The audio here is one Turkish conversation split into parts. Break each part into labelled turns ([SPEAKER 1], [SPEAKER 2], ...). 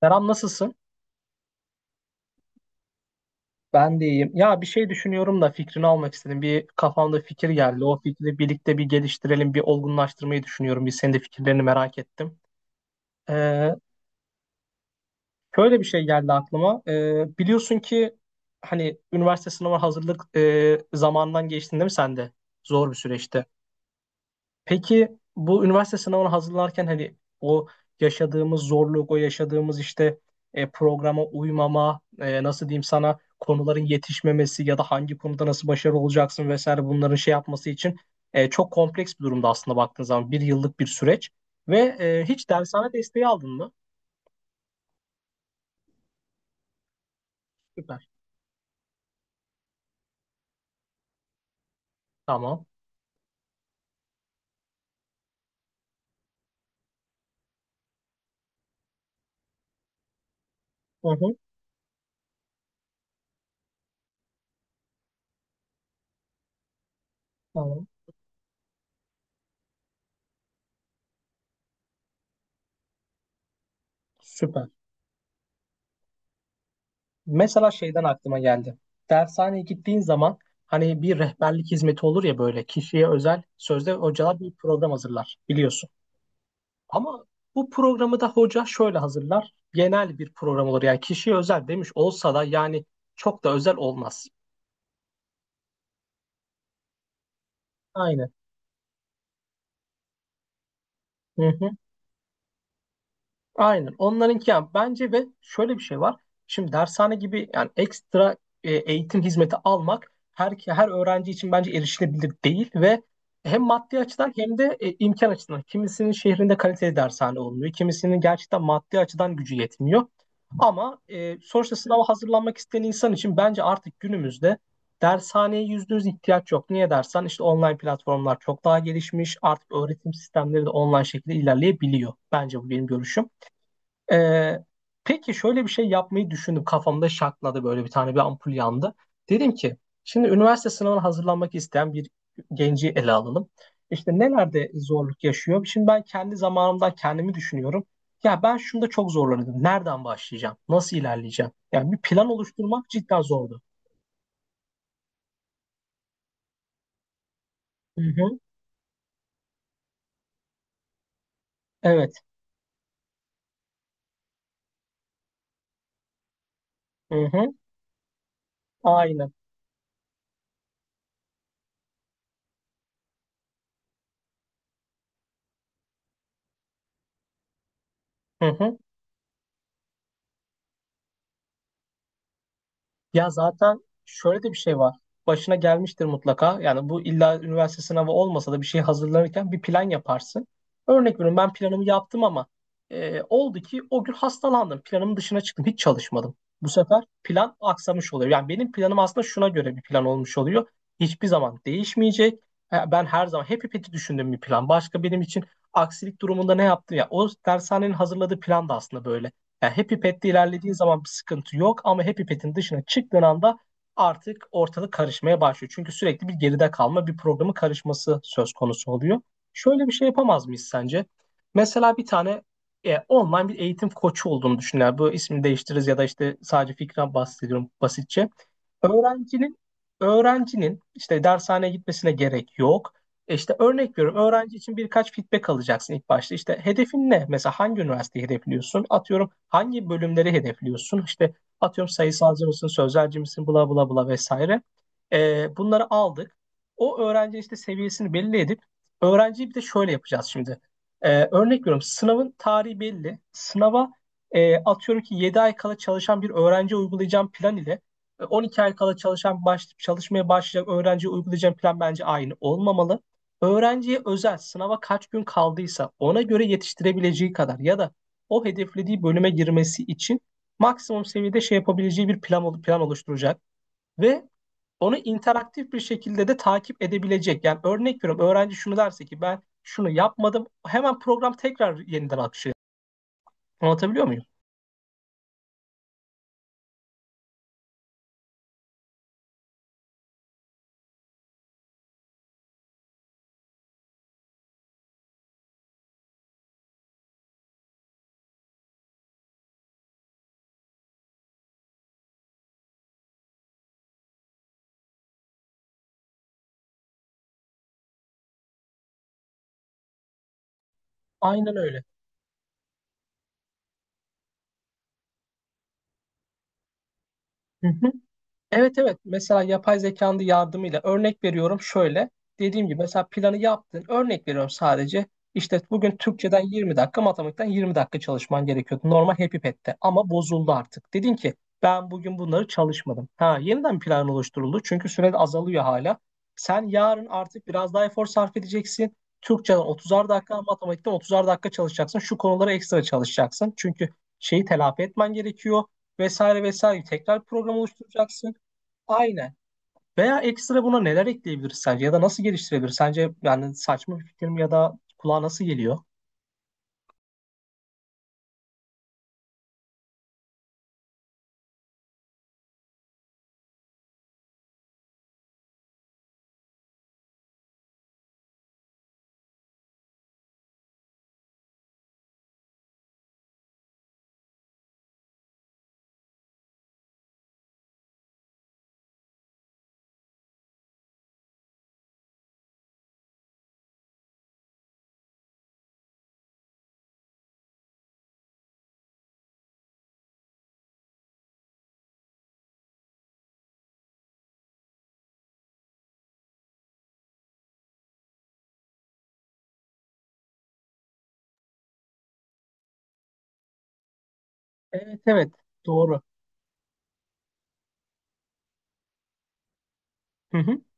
[SPEAKER 1] Serap nasılsın? Ben de iyiyim. Ya bir şey düşünüyorum da fikrini almak istedim. Bir kafamda fikir geldi. O fikri birlikte bir geliştirelim, bir olgunlaştırmayı düşünüyorum. Bir senin de fikirlerini merak ettim. Ee, şöyle bir şey geldi aklıma. Biliyorsun ki hani üniversite sınavı hazırlık zamanından geçtin değil mi sen de? Zor bir süreçti. Peki bu üniversite sınavına hazırlanırken hani o yaşadığımız zorluk, o yaşadığımız işte programa uymama, nasıl diyeyim sana konuların yetişmemesi ya da hangi konuda nasıl başarılı olacaksın vesaire bunların şey yapması için çok kompleks bir durumda aslında baktığın zaman bir yıllık bir süreç ve hiç dershane desteği aldın mı? Süper. Tamam. Hı hı, tamam. Süper. Mesela şeyden aklıma geldi. Dershaneye gittiğin zaman hani bir rehberlik hizmeti olur ya böyle kişiye özel sözde hocalar bir program hazırlar biliyorsun. Ama bu programı da hoca şöyle hazırlar. Genel bir program olur yani kişiye özel demiş olsa da yani çok da özel olmaz. Aynen. Hı hı. Aynen. Onlarınki yani bence ve şöyle bir şey var. Şimdi dershane gibi yani ekstra eğitim hizmeti almak her öğrenci için bence erişilebilir değil ve hem maddi açıdan hem de imkan açısından. Kimisinin şehrinde kaliteli dershane olmuyor. Kimisinin gerçekten maddi açıdan gücü yetmiyor. Ama sonuçta sınava hazırlanmak isteyen insan için bence artık günümüzde dershaneye %100 ihtiyaç yok. Niye dersen işte online platformlar çok daha gelişmiş. Artık öğretim sistemleri de online şekilde ilerleyebiliyor. Bence bu benim görüşüm. Ee, peki şöyle bir şey yapmayı düşündüm. Kafamda şakladı böyle bir tane bir ampul yandı. Dedim ki şimdi üniversite sınavına hazırlanmak isteyen bir genci ele alalım. İşte nelerde zorluk yaşıyor? Şimdi ben kendi zamanımdan kendimi düşünüyorum. Ya ben şunda çok zorlanıyordum. Nereden başlayacağım? Nasıl ilerleyeceğim? Yani bir plan oluşturmak cidden zordu. Hı hı. Evet. Hı hı. Aynen. Hı hı. Ya zaten şöyle de bir şey var. Başına gelmiştir mutlaka. Yani bu illa üniversite sınavı olmasa da bir şey hazırlanırken bir plan yaparsın. Örnek veriyorum ben planımı yaptım ama oldu ki o gün hastalandım. Planımın dışına çıktım. Hiç çalışmadım. Bu sefer plan aksamış oluyor. Yani benim planım aslında şuna göre bir plan olmuş oluyor. Hiçbir zaman değişmeyecek. Ben her zaman hep ipeti düşündüğüm bir plan. Başka benim için aksilik durumunda ne yaptım ya. O dershanenin hazırladığı plan da aslında böyle. Yani Happy Pet'te ilerlediğin zaman bir sıkıntı yok ama Happy Pet'in dışına çıktığın anda artık ortalık karışmaya başlıyor. Çünkü sürekli bir geride kalma, bir programın karışması söz konusu oluyor. Şöyle bir şey yapamaz mıyız sence? Mesela bir tane online bir eğitim koçu olduğunu düşünler. Bu ismini değiştiririz ya da işte sadece fikren bahsediyorum basitçe. Öğrencinin öğrencinin işte dershaneye gitmesine gerek yok. İşte örnek veriyorum. Öğrenci için birkaç feedback alacaksın ilk başta. İşte hedefin ne? Mesela hangi üniversiteyi hedefliyorsun? Atıyorum hangi bölümleri hedefliyorsun? İşte atıyorum sayısalcı mısın, sözelci misin, bla bla bla vesaire. Bunları aldık. O öğrenci işte seviyesini belli edip öğrenciyi bir de şöyle yapacağız şimdi. Örnek veriyorum sınavın tarihi belli. Sınava atıyorum ki 7 ay kala çalışan bir öğrenci uygulayacağım plan ile 12 ay kala çalışan çalışmaya başlayacak öğrenciye uygulayacağım plan bence aynı olmamalı. Öğrenciye özel sınava kaç gün kaldıysa ona göre yetiştirebileceği kadar ya da o hedeflediği bölüme girmesi için maksimum seviyede şey yapabileceği bir plan oluşturacak. Ve onu interaktif bir şekilde de takip edebilecek. Yani örnek veriyorum öğrenci şunu derse ki ben şunu yapmadım hemen program tekrar yeniden akışıyor. Anlatabiliyor muyum? Aynen öyle. Hı hı. Evet evet, mesela yapay zekanın da yardımıyla örnek veriyorum şöyle dediğim gibi mesela planı yaptın örnek veriyorum sadece. İşte bugün Türkçeden 20 dakika matematikten 20 dakika çalışman gerekiyordu normal Happy Pet'te ama bozuldu, artık dedin ki ben bugün bunları çalışmadım, ha yeniden bir plan oluşturuldu çünkü süre de azalıyor hala. Sen yarın artık biraz daha efor sarf edeceksin, Türkçeden 30'ar dakika matematikten 30'ar dakika çalışacaksın, şu konulara ekstra çalışacaksın çünkü şeyi telafi etmen gerekiyor vesaire vesaire, tekrar program oluşturacaksın. Aynen. Veya ekstra buna neler ekleyebiliriz sence ya da nasıl geliştirebiliriz? Sence yani saçma bir fikir mi ya da kulağa nasıl geliyor? Evet evet doğru.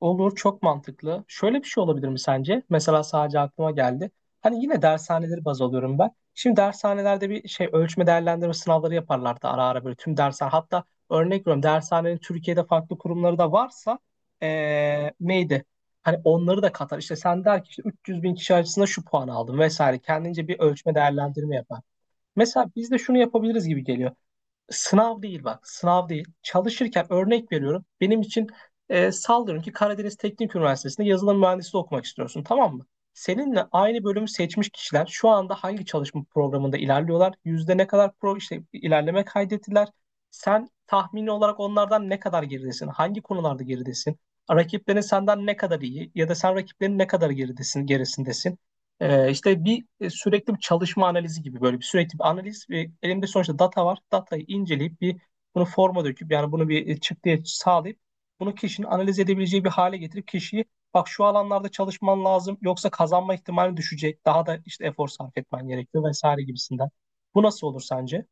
[SPEAKER 1] Olur, çok mantıklı. Şöyle bir şey olabilir mi sence? Mesela sadece aklıma geldi. Hani yine dershaneleri baz alıyorum ben. Şimdi dershanelerde bir şey ölçme değerlendirme sınavları yaparlardı ara ara böyle tüm dershane. Hatta örnek veriyorum dershanenin Türkiye'de farklı kurumları da varsa neydi? Hani onları da katar. İşte sen der ki işte 300 bin kişi arasında şu puan aldım vesaire. Kendince bir ölçme değerlendirme yapar. Mesela biz de şunu yapabiliriz gibi geliyor. Sınav değil bak, sınav değil. Çalışırken örnek veriyorum. Benim için sallıyorum ki Karadeniz Teknik Üniversitesi'nde yazılım mühendisliği okumak istiyorsun, tamam mı? Seninle aynı bölümü seçmiş kişiler şu anda hangi çalışma programında ilerliyorlar? Yüzde ne kadar pro işte ilerleme kaydettiler? Sen tahmini olarak onlardan ne kadar geridesin? Hangi konularda geridesin? Rakiplerin senden ne kadar iyi ya da sen rakiplerin ne kadar geridesin, gerisindesin? İşte bir sürekli bir çalışma analizi gibi böyle bir sürekli bir analiz ve elimde sonuçta data var. Datayı inceleyip bir bunu forma döküp yani bunu bir çıktıya sağlayıp bunu kişinin analiz edebileceği bir hale getirip kişiyi bak şu alanlarda çalışman lazım yoksa kazanma ihtimali düşecek. Daha da işte efor sarf etmen gerekiyor vesaire gibisinden. Bu nasıl olur sence?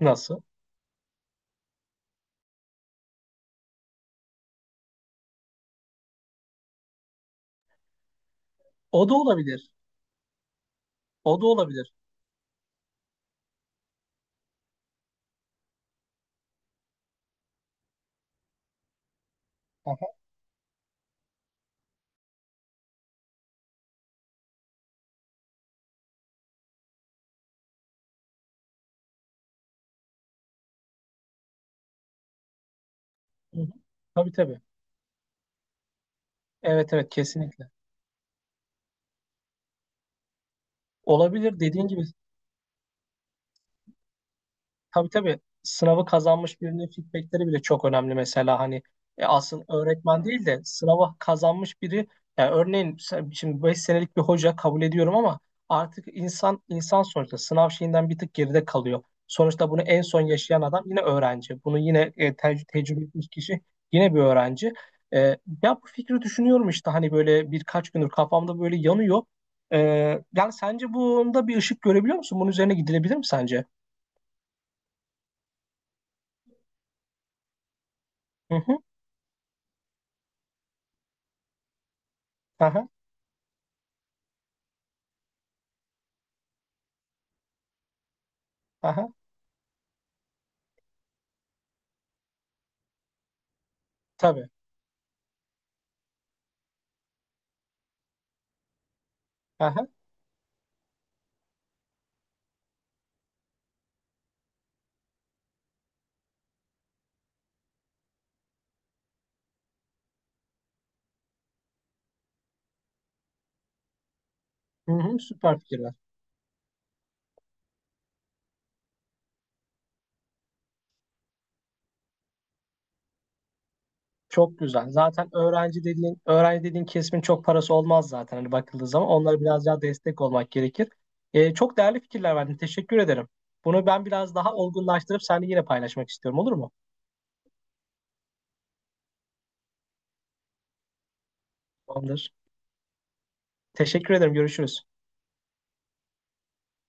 [SPEAKER 1] Nasıl? O da olabilir. O da olabilir. Aha. Hı hı. Tabii tabii. Evet evet kesinlikle. Olabilir dediğin gibi. Tabii tabii, sınavı kazanmış birinin feedbackleri bile çok önemli mesela hani aslında öğretmen değil de sınavı kazanmış biri, yani örneğin sen- şimdi 5 senelik bir hoca kabul ediyorum ama artık insan sonuçta sınav şeyinden bir tık geride kalıyor. Sonuçta bunu en son yaşayan adam yine öğrenci. Bunu yine tecrübe etmiş kişi yine bir öğrenci. E, ya bu fikri düşünüyorum işte hani böyle birkaç gündür kafamda böyle yanıyor. E, yani sence bunda bir ışık görebiliyor musun? Bunun üzerine gidilebilir mi sence? Hı hı. Aha. Aha, tabii. Aha, hı hı, süper fikirler. Çok güzel. Zaten öğrenci dediğin kesimin çok parası olmaz zaten hani bakıldığı zaman. Onlara biraz daha destek olmak gerekir. Çok değerli fikirler verdin. Teşekkür ederim. Bunu ben biraz daha olgunlaştırıp seninle yine paylaşmak istiyorum. Olur mu? Tamamdır. Teşekkür ederim. Görüşürüz.